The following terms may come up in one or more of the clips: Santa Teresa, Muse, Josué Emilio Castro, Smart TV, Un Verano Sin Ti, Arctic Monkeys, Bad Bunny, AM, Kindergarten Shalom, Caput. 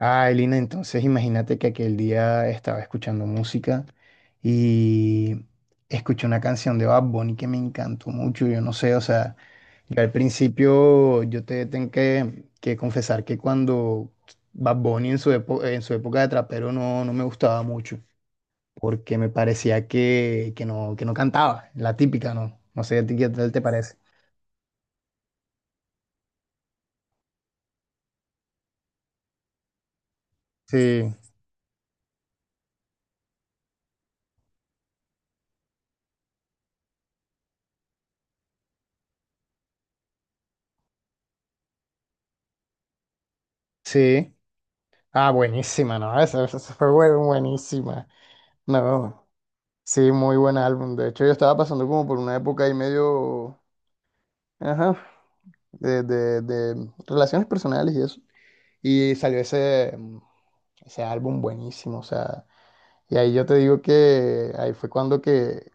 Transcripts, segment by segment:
Ah, Elina, entonces imagínate que aquel día estaba escuchando música y escuché una canción de Bad Bunny que me encantó mucho. Yo no sé, o sea, yo al principio yo te tengo que confesar que cuando Bad Bunny en su época de trapero no me gustaba mucho porque me parecía que que no cantaba, la típica, ¿no? No sé, ¿a ti qué tal te parece? Sí, sí. Ah, buenísima, ¿no? Esa fue buenísima. No. Sí, muy buen álbum. De hecho, yo estaba pasando como por una época ahí medio, ajá, de relaciones personales y eso. Y salió ese álbum buenísimo, o sea, y ahí yo te digo que ahí fue cuando que,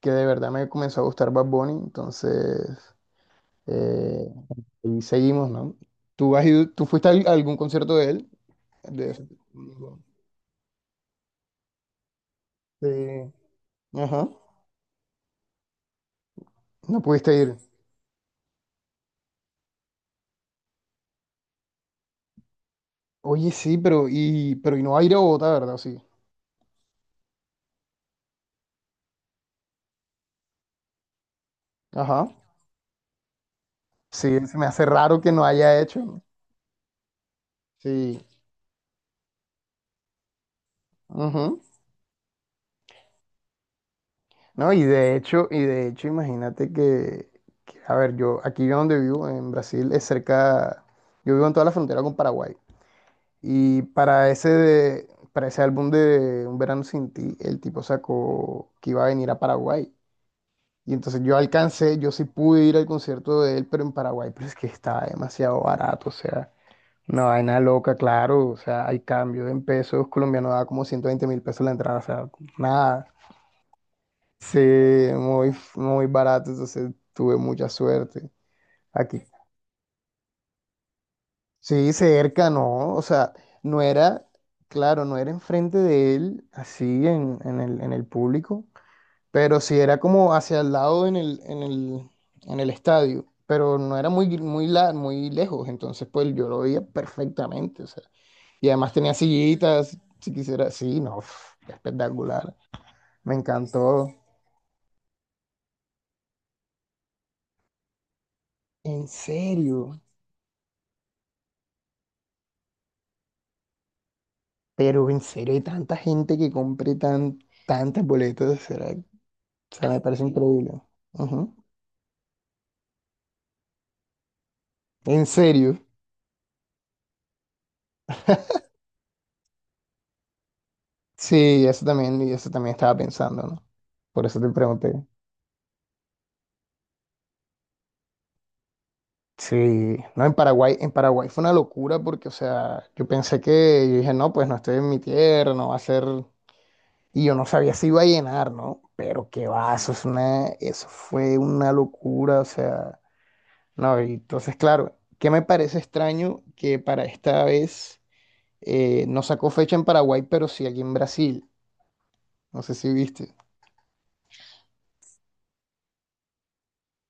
que de verdad me comenzó a gustar Bad Bunny, entonces, eh, y seguimos, ¿no? ¿Tú has ido, tú fuiste a algún concierto de él? De, de- ajá, no pudiste ir. Oye, sí, pero y no va a ir a Bogotá, ¿verdad? Sí. Ajá. Sí, se me hace raro que no haya hecho, ¿no? Sí, ujú. No, y de hecho, imagínate que, a ver, yo donde vivo, en Brasil, es cerca, yo vivo en toda la frontera con Paraguay. Y para ese álbum de Un Verano Sin Ti, el tipo sacó que iba a venir a Paraguay. Y entonces yo alcancé, yo sí pude ir al concierto de él, pero en Paraguay, pero es que estaba demasiado barato, o sea. Una vaina loca, claro. O sea, hay cambio en pesos colombianos, da como 120.000 pesos la entrada. O sea, nada. Sí, muy barato. Entonces tuve mucha suerte aquí. Sí, cerca, ¿no? O sea, no era, claro, no era enfrente de él, así en el público, pero sí era como hacia el lado en el estadio. Pero no era muy, muy, muy lejos. Entonces, pues yo lo veía perfectamente. O sea. Y además tenía sillitas, si quisiera. Sí, no, uf, espectacular. Me encantó. En serio. Pero en serio, hay tanta gente que compre tantas boletas. O sea, me parece increíble. Ujú. En serio. Sí, eso también, y eso también estaba pensando, ¿no? Por eso te pregunté. Sí, no, en Paraguay fue una locura porque, o sea, yo dije, no, pues no estoy en mi tierra, no va a ser. Y yo no sabía si iba a llenar, ¿no? Pero qué va, eso fue una locura, o sea, no, y entonces, claro, ¿qué me parece extraño que para esta vez no sacó fecha en Paraguay, pero sí aquí en Brasil? No sé si viste.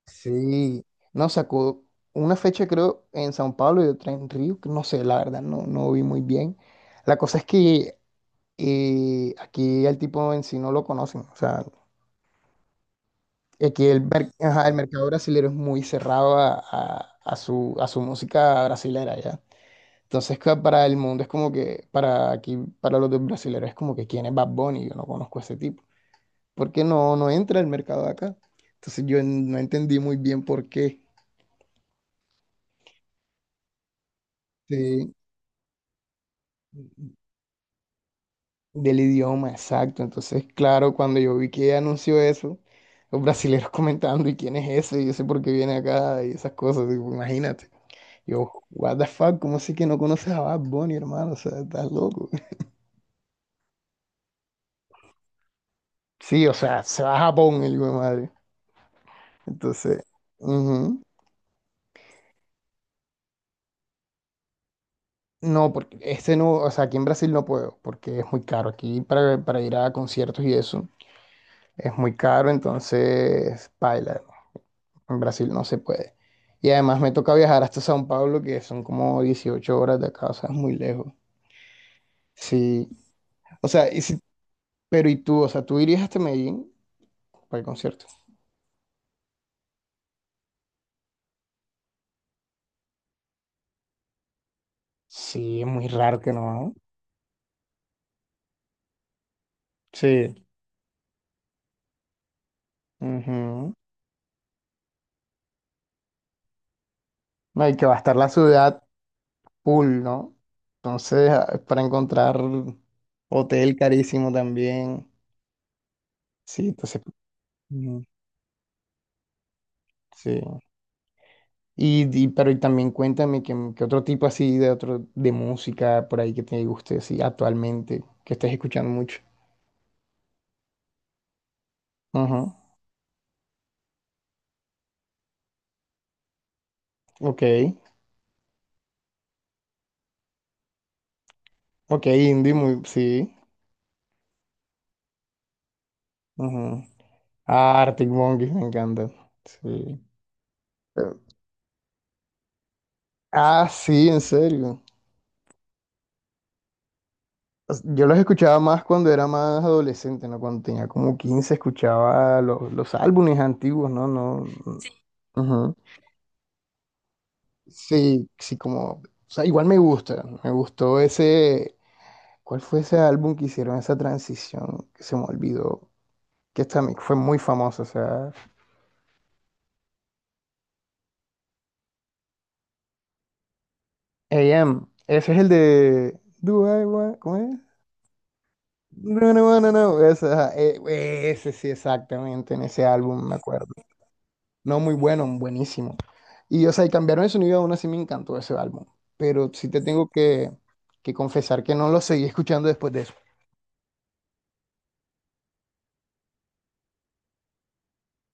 Sí, no, sacó una fecha creo en Sao Paulo y otra en Río, que no sé, la verdad, no vi muy bien. La cosa es que aquí al tipo en sí no lo conocen, o sea, y aquí ajá, el mercado brasilero es muy cerrado a su música brasilera, ¿ya? Entonces, para el mundo es como que, para aquí, para los brasileros es como que, ¿quién es Bad Bunny? Yo no conozco a ese tipo. ¿Por qué no entra al mercado de acá? Entonces, no entendí muy bien por qué. Sí, del idioma, exacto. Entonces, claro, cuando yo vi que anunció eso, los brasileros comentando, ¿y quién es ese? Y yo sé por qué viene acá y esas cosas, digo, imagínate. Yo, what the fuck, ¿cómo así que no conoces a Bad Bunny, hermano? O sea, estás loco. Sí, o sea, se va a Japón el hijo de madre. Entonces, ujú. No, porque este no, o sea, aquí en Brasil no puedo, porque es muy caro. Aquí para ir a conciertos y eso es muy caro, entonces, paila, en Brasil no se puede. Y además me toca viajar hasta Sao Paulo, que son como 18 horas de acá, o sea, es muy lejos. Sí, o sea, pero ¿y tú? O sea, ¿tú irías hasta Medellín para el concierto? Sí, es muy raro que no, ¿no? Sí. Ujú. No, y que va a estar la ciudad full, ¿no? Entonces, ah, para encontrar hotel carísimo también. Sí, entonces, ujú, sí. Pero y también cuéntame que otro tipo así de otro de música por ahí que te guste así actualmente, que estés escuchando mucho. Ujú, ok. Ok, indie muy, sí. Ujú. Ah, Arctic Monkeys me encanta. Sí. Eh, Ah, sí, en serio. O sea, yo los escuchaba más cuando era más adolescente, ¿no? Cuando tenía como 15 escuchaba los álbumes antiguos, ¿no? No, sí. Ujú. Sí, sí, como, o sea, igual me gusta, me gustó ese, ¿cuál fue ese álbum que hicieron esa transición que se me olvidó? Que fue muy famosa, o sea, AM, ese es el de, Do I want, ¿cómo es? No, no, no, no, no, ese, ajá, ese sí, exactamente, en ese álbum me. No, muy bueno, buenísimo. Y, o sea, y cambiaron el sonido, aún así me encantó ese álbum. Pero sí te tengo que confesar que no lo seguí escuchando después de eso.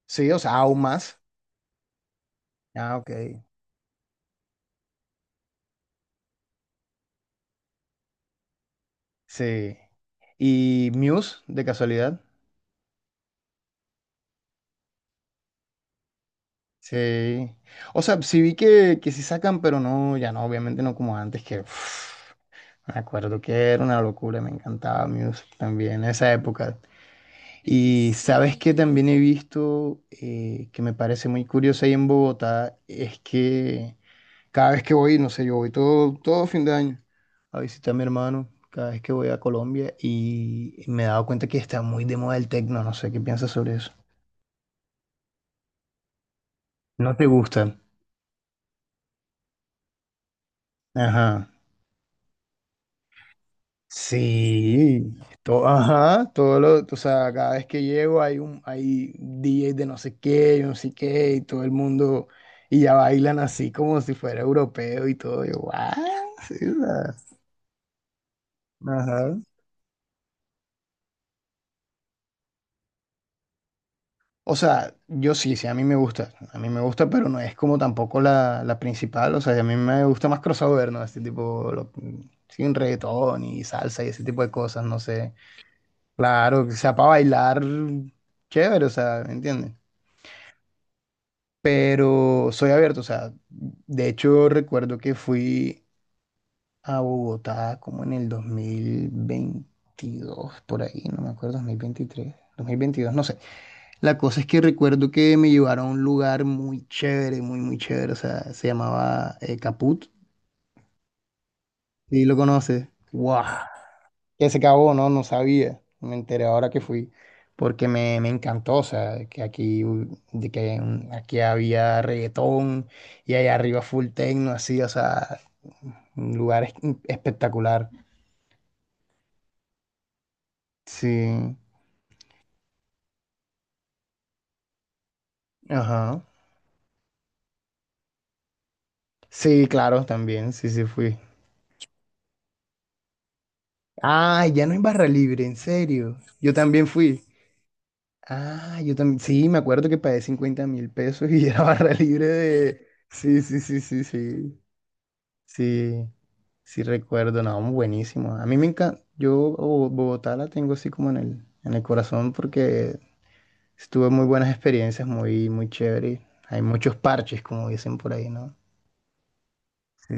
Sí, o sea, aún más. Ah, ok. Sí. ¿Y Muse, de casualidad? Sí. O sea, sí vi que sí sacan, pero no, ya no, obviamente no como antes, que uf, me acuerdo que era una locura, me encantaba Muse también, esa época. Y sabes que también he visto que me parece muy curioso ahí en Bogotá, es que cada vez que voy, no sé, yo voy todo, todo fin de año a visitar a mi hermano, cada vez que voy a Colombia y me he dado cuenta que está muy de moda el tecno, no sé qué piensas sobre eso. No te gusta. Ajá. Sí, todo, ajá, todo lo, o sea, cada vez que llego hay DJ de no sé qué, yo no sé qué, y todo el mundo, y ya bailan así como si fuera europeo y todo, yo, "What?". Sí, o sea, ajá. O sea, yo sí, sí, a mí me gusta, a mí me gusta, pero no es como tampoco la principal, o sea, a mí me gusta más crossover, ¿no? Este tipo, sin reggaetón y salsa y ese tipo de cosas, no sé. Claro, que sea para bailar, chévere, o sea, ¿me entiendes? Pero soy abierto, o sea, de hecho recuerdo que fui a Bogotá como en el 2022, por ahí, no me acuerdo, 2023, 2022, no sé. La cosa es que recuerdo que me llevaron a un lugar muy chévere, muy, muy chévere, o sea, se llamaba Caput, ¿sí lo conoces? ¡Wow! Que se acabó, no, no sabía. Me enteré ahora que fui, porque me encantó, o sea, que aquí, u- de que mm, aquí había reggaetón y allá arriba full techno, así, o sea, un lugar espectacular. Sí, ajá. Sí, claro, también, sí, sí fui. Ah, ya no es barra libre, en serio. Yo también fui. Ah, yo también, sí, me acuerdo que pagué 50.000 pesos y era barra libre de... Sí, sí, sí, sí, sí. Sí, sí recuerdo, no, buenísimo. A mí me encanta, yo Bogotá la tengo así como en el corazón porque estuve muy buenas experiencias, muy, muy chévere. Hay muchos parches, como dicen por ahí, ¿no? Sí.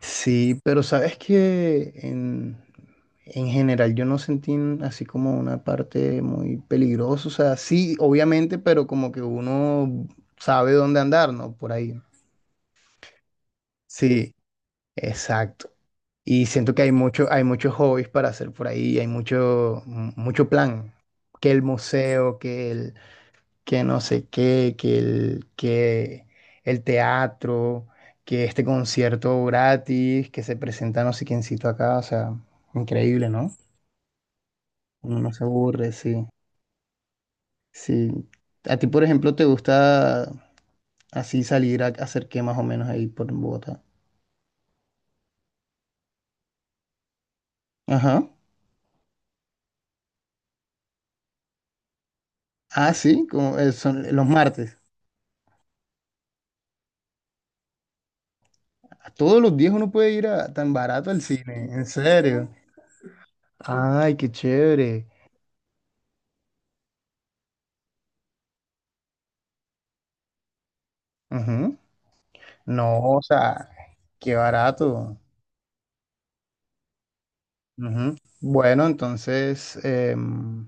Sí, pero sabes que en general yo no sentí así como una parte muy peligrosa, o sea, sí, obviamente, pero como que uno sabe dónde andar, ¿no? Por ahí. Sí, exacto. Y siento que hay mucho, hay muchos hobbies para hacer por ahí, hay mucho plan. Que el museo, que no sé qué, que el teatro, que este concierto gratis, que se presenta no sé quiéncito acá, o sea, increíble, ¿no? Uno no se aburre, sí. Sí. A ti, por ejemplo, te gusta así salir a hacer qué más o menos ahí por Bogotá. Ajá. Ah, sí, como son los martes. A todos los días uno puede ir a, tan barato al cine, en serio. Ay, qué chévere. Ujú. No, o sea, qué barato. Ujú. Bueno, entonces em,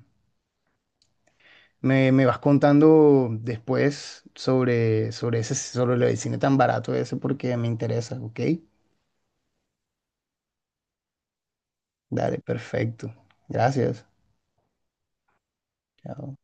me vas contando después sobre el cine tan barato ese porque me interesa, ¿ok? Dale, perfecto. Gracias. Chao.